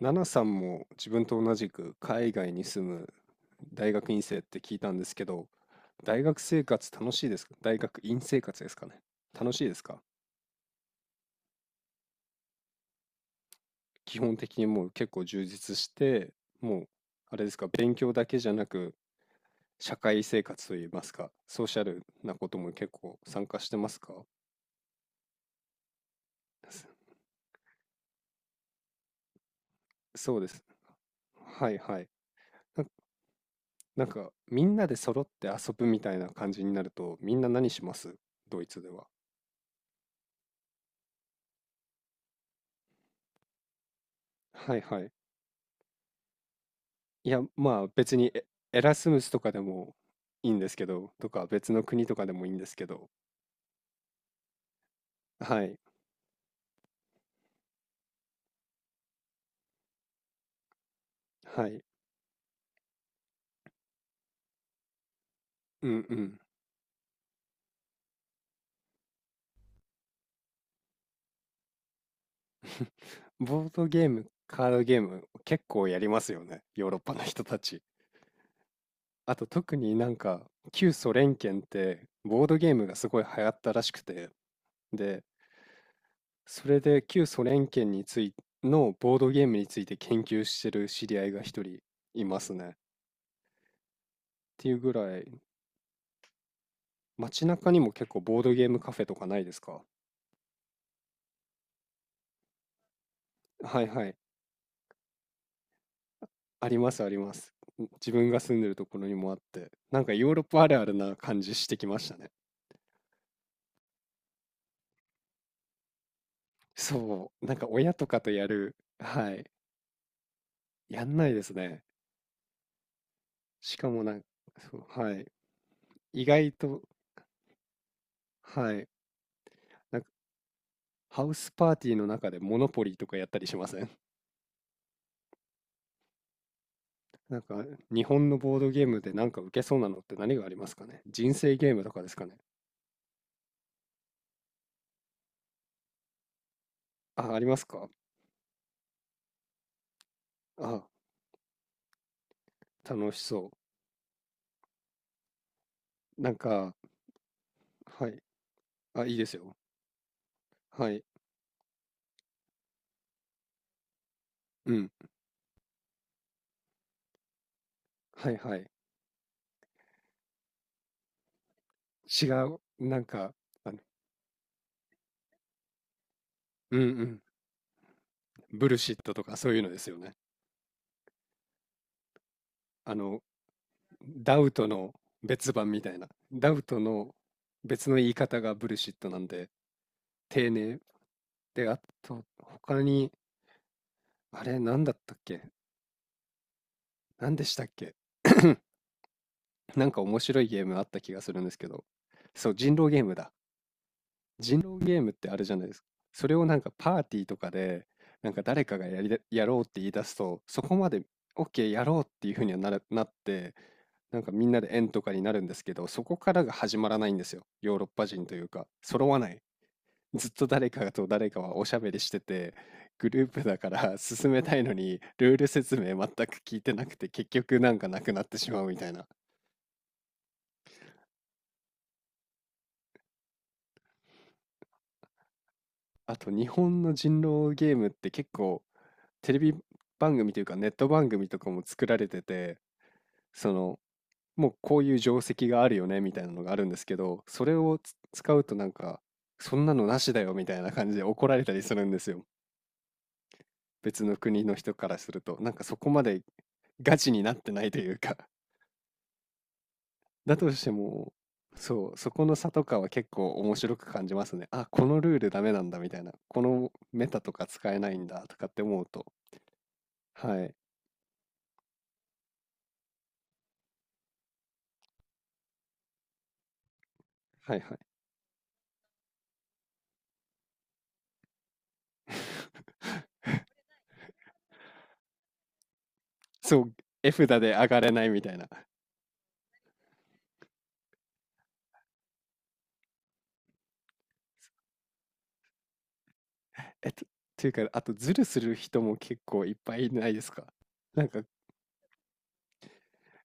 ナナさんも自分と同じく海外に住む大学院生って聞いたんですけど、大学生活楽しいですか？大学院生活ですかね？楽しいですか？基本的にもう結構充実して、もうあれですか、勉強だけじゃなく社会生活といいますか、ソーシャルなことも結構参加してますか？そそうです。はいはい。な、なんかみんなで揃って遊ぶみたいな感じになると、みんな何します？ドイツでは。はいはい。いや、まあ別にエラスムスとかでもいいんですけど、とか別の国とかでもいいんですけど、はい、はい、うんうん。ボードゲーム、カードゲーム結構やりますよね、ヨーロッパの人たち。あと特になんか旧ソ連圏ってボードゲームがすごい流行ったらしくて、で、それで旧ソ連圏についのボードゲームについて研究してる知り合いが一人いますね。っていうぐらい、街中にも結構ボードゲームカフェとかないですか？はいはい。ありますあります。自分が住んでるところにもあって、なんかヨーロッパあるあるな感じしてきましたね。そう、なんか親とかとやる、はい、やんないですね。しかもなんか、そう、はい、意外と、はい、なんかハウスパーティーの中でモノポリーとかやったりしません？ なんか日本のボードゲームでなんか受けそうなのって何がありますかね？人生ゲームとかですかね？あ、ありますか？あ、楽しそう。なんか、はい、あ、いいですよ。はい、うん。はいはい。違う、なんか、あの、うんうん。ブルシットとかそういうのですよね。あの、ダウトの別版みたいな。ダウトの別の言い方がブルシットなんで、丁寧。で、あと、他に、あれ、なんだったっけ？なんでしたっけ？ なんか面白いゲームあった気がするんですけど。そう、人狼ゲームだ。人狼ゲームってあるじゃないですか。それをなんかパーティーとかで、なんか誰かがやりだ、やろうって言い出すと、そこまで OK やろうっていうふうにはなって、なんかみんなで円とかになるんですけど、そこからが始まらないんですよ。ヨーロッパ人というか、揃わない。ずっと誰かと誰かはおしゃべりしてて、グループだから進めたいのに、ルール説明全く聞いてなくて、結局なんかなくなってしまうみたいな。あと日本の人狼ゲームって結構テレビ番組というかネット番組とかも作られてて、その、もうこういう定石があるよねみたいなのがあるんですけど、それを使うとなんか、そんなのなしだよみたいな感じで怒られたりするんですよ。別の国の人からすると、なんかそこまでガチになってないというか、だとしても、そう、そこの差とかは結構面白く感じますね。あ、このルールダメなんだみたいな、このメタとか使えないんだとかって思うと、はい、はいはい。そう、絵札で上がれないみたいな。えっと、というか、あと、ズルする人も結構いっぱいいないですか？なんか、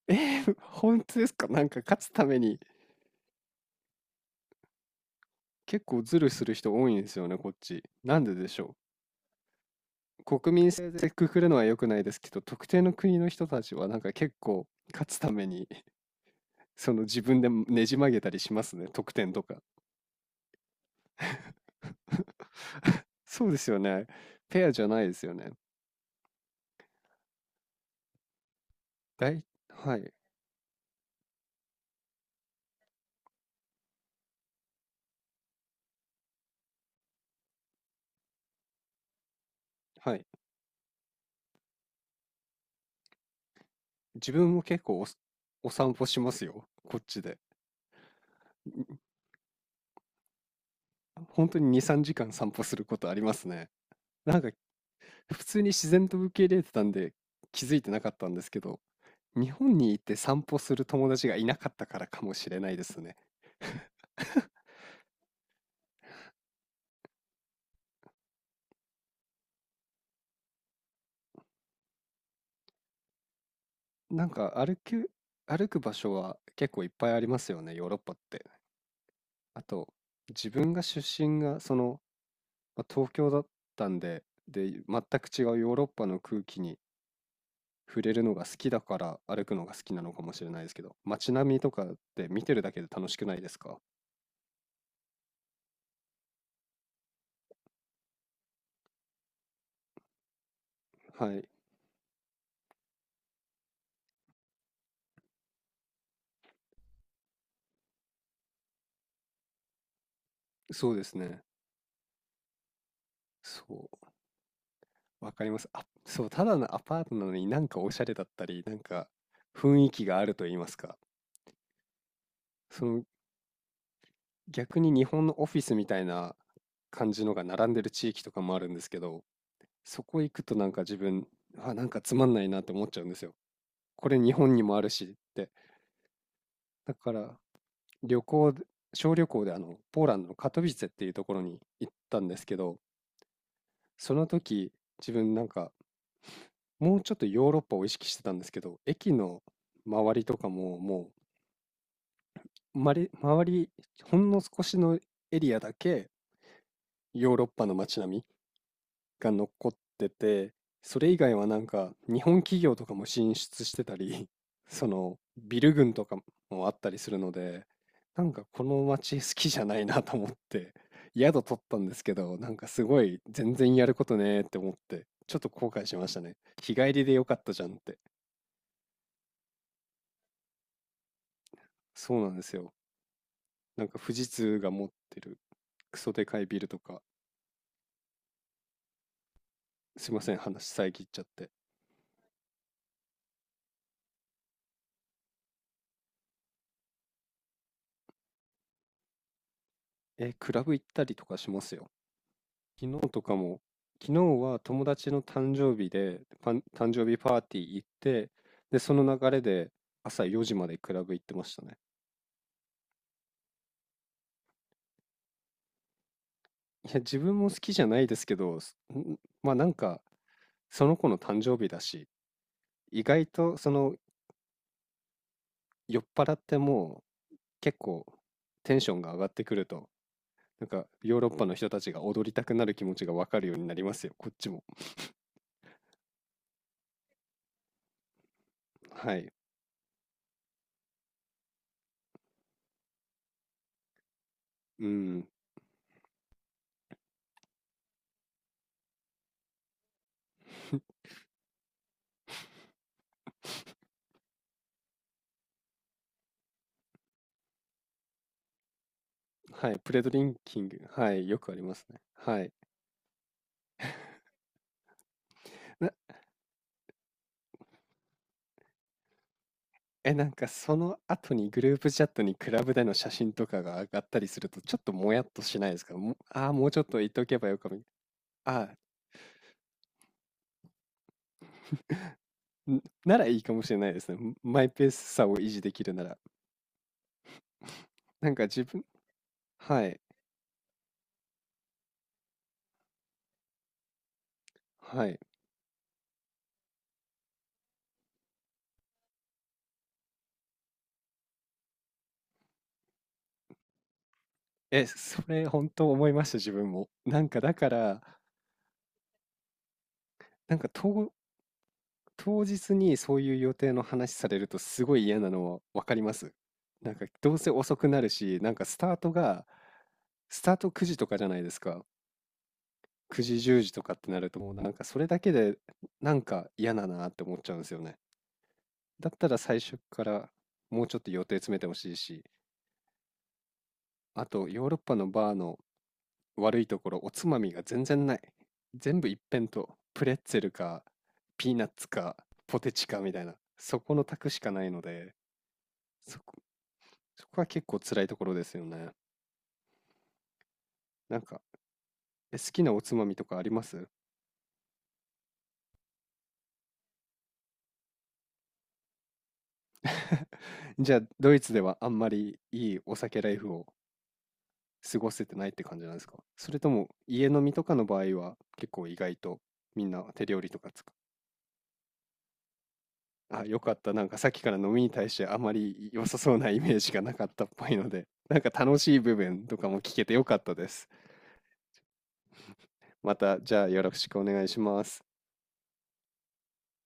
本当ですか？なんか、勝つために結構ズルする人多いんですよね、こっち。なんででしょう？国民性でくくるのは良くないですけど、特定の国の人たちはなんか結構勝つために、その自分でねじ曲げたりしますね、得点とか。そうですよね。ペアじゃないですよね。はい、はい。自分も結構お散歩しますよ。こっちで。本当に2、3時間散歩することありますね。なんか普通に自然と受け入れてたんで気づいてなかったんですけど、日本にいて散歩する友達がいなかったからかもしれないですね。なんか歩く場所は結構いっぱいありますよね、ヨーロッパって。あと、自分が出身がまあ東京だったんで、で、全く違うヨーロッパの空気に触れるのが好きだから歩くのが好きなのかもしれないですけど、街並みとかって見てるだけで楽しくないですか？はい、そうですね。そう、わかります。あ、そう、ただのアパートなのになんかおしゃれだったり、なんか雰囲気があると言いますか。その逆に日本のオフィスみたいな感じのが並んでる地域とかもあるんですけど、そこ行くとなんか自分、あ、なんかつまんないなって思っちゃうんですよ。これ日本にもあるしって。だから、旅行で、小旅行でポーランドのカトビツェっていうところに行ったんですけど、その時、自分なんか、もうちょっとヨーロッパを意識してたんですけど、駅の周りとかも、もう、まり、周り、ほんの少しのエリアだけ、ヨーロッパの街並みが残ってて、それ以外はなんか日本企業とかも進出してたり、そのビル群とかもあったりするので、なんかこの街好きじゃないなと思って、宿取ったんですけど、なんかすごい全然やることねーって思って、ちょっと後悔しましたね。日帰りでよかったじゃんって。そうなんですよ。なんか富士通が持ってるクソでかいビルとか、すいません、話遮っちゃって。え、クラブ行ったりとかしますよ。昨日とかも、昨日は友達の誕生日で、誕生日パーティー行って、で、その流れで朝4時までクラブ行ってましたね。いや、自分も好きじゃないですけど、まあなんか、その子の誕生日だし、意外と酔っ払っても結構テンションが上がってくると、なんかヨーロッパの人たちが踊りたくなる気持ちがわかるようになりますよ、こっちも。はい。うん。はい。プレドリンキング。はい。よくありますね。はい。え、なんかその後にグループチャットにクラブでの写真とかが上がったりすると、ちょっともやっとしないですか？もああもうちょっと言っておけばよかも。ああ、ならいいかもしれないですね。マイペースさを維持できるなら。なんか自分、はい、はい。え、それ本当思いました、自分も。なんかだから、なんか当日にそういう予定の話されるとすごい嫌なのはわかります。なんかどうせ遅くなるし、スタート9時とかじゃないですか？9時10時とかってなるともうなんかそれだけでなんか嫌だなって思っちゃうんですよね。だったら最初からもうちょっと予定詰めてほしいし、あとヨーロッパのバーの悪いところおつまみが全然ない。全部一辺倒。プレッツェルかピーナッツかポテチかみたいな。そこの択しかないので、そこ、そこは結構辛いところですよね。なんか、好きなおつまみとかあります？ じゃあドイツではあんまりいいお酒ライフを過ごせてないって感じなんですか？それとも家飲みとかの場合は結構意外とみんな手料理とか使う。あ、よかった。なんかさっきから飲みに対してあまり良さそうなイメージがなかったっぽいので、なんか楽しい部分とかも聞けてよかったです。また、じゃあよろしくお願いします。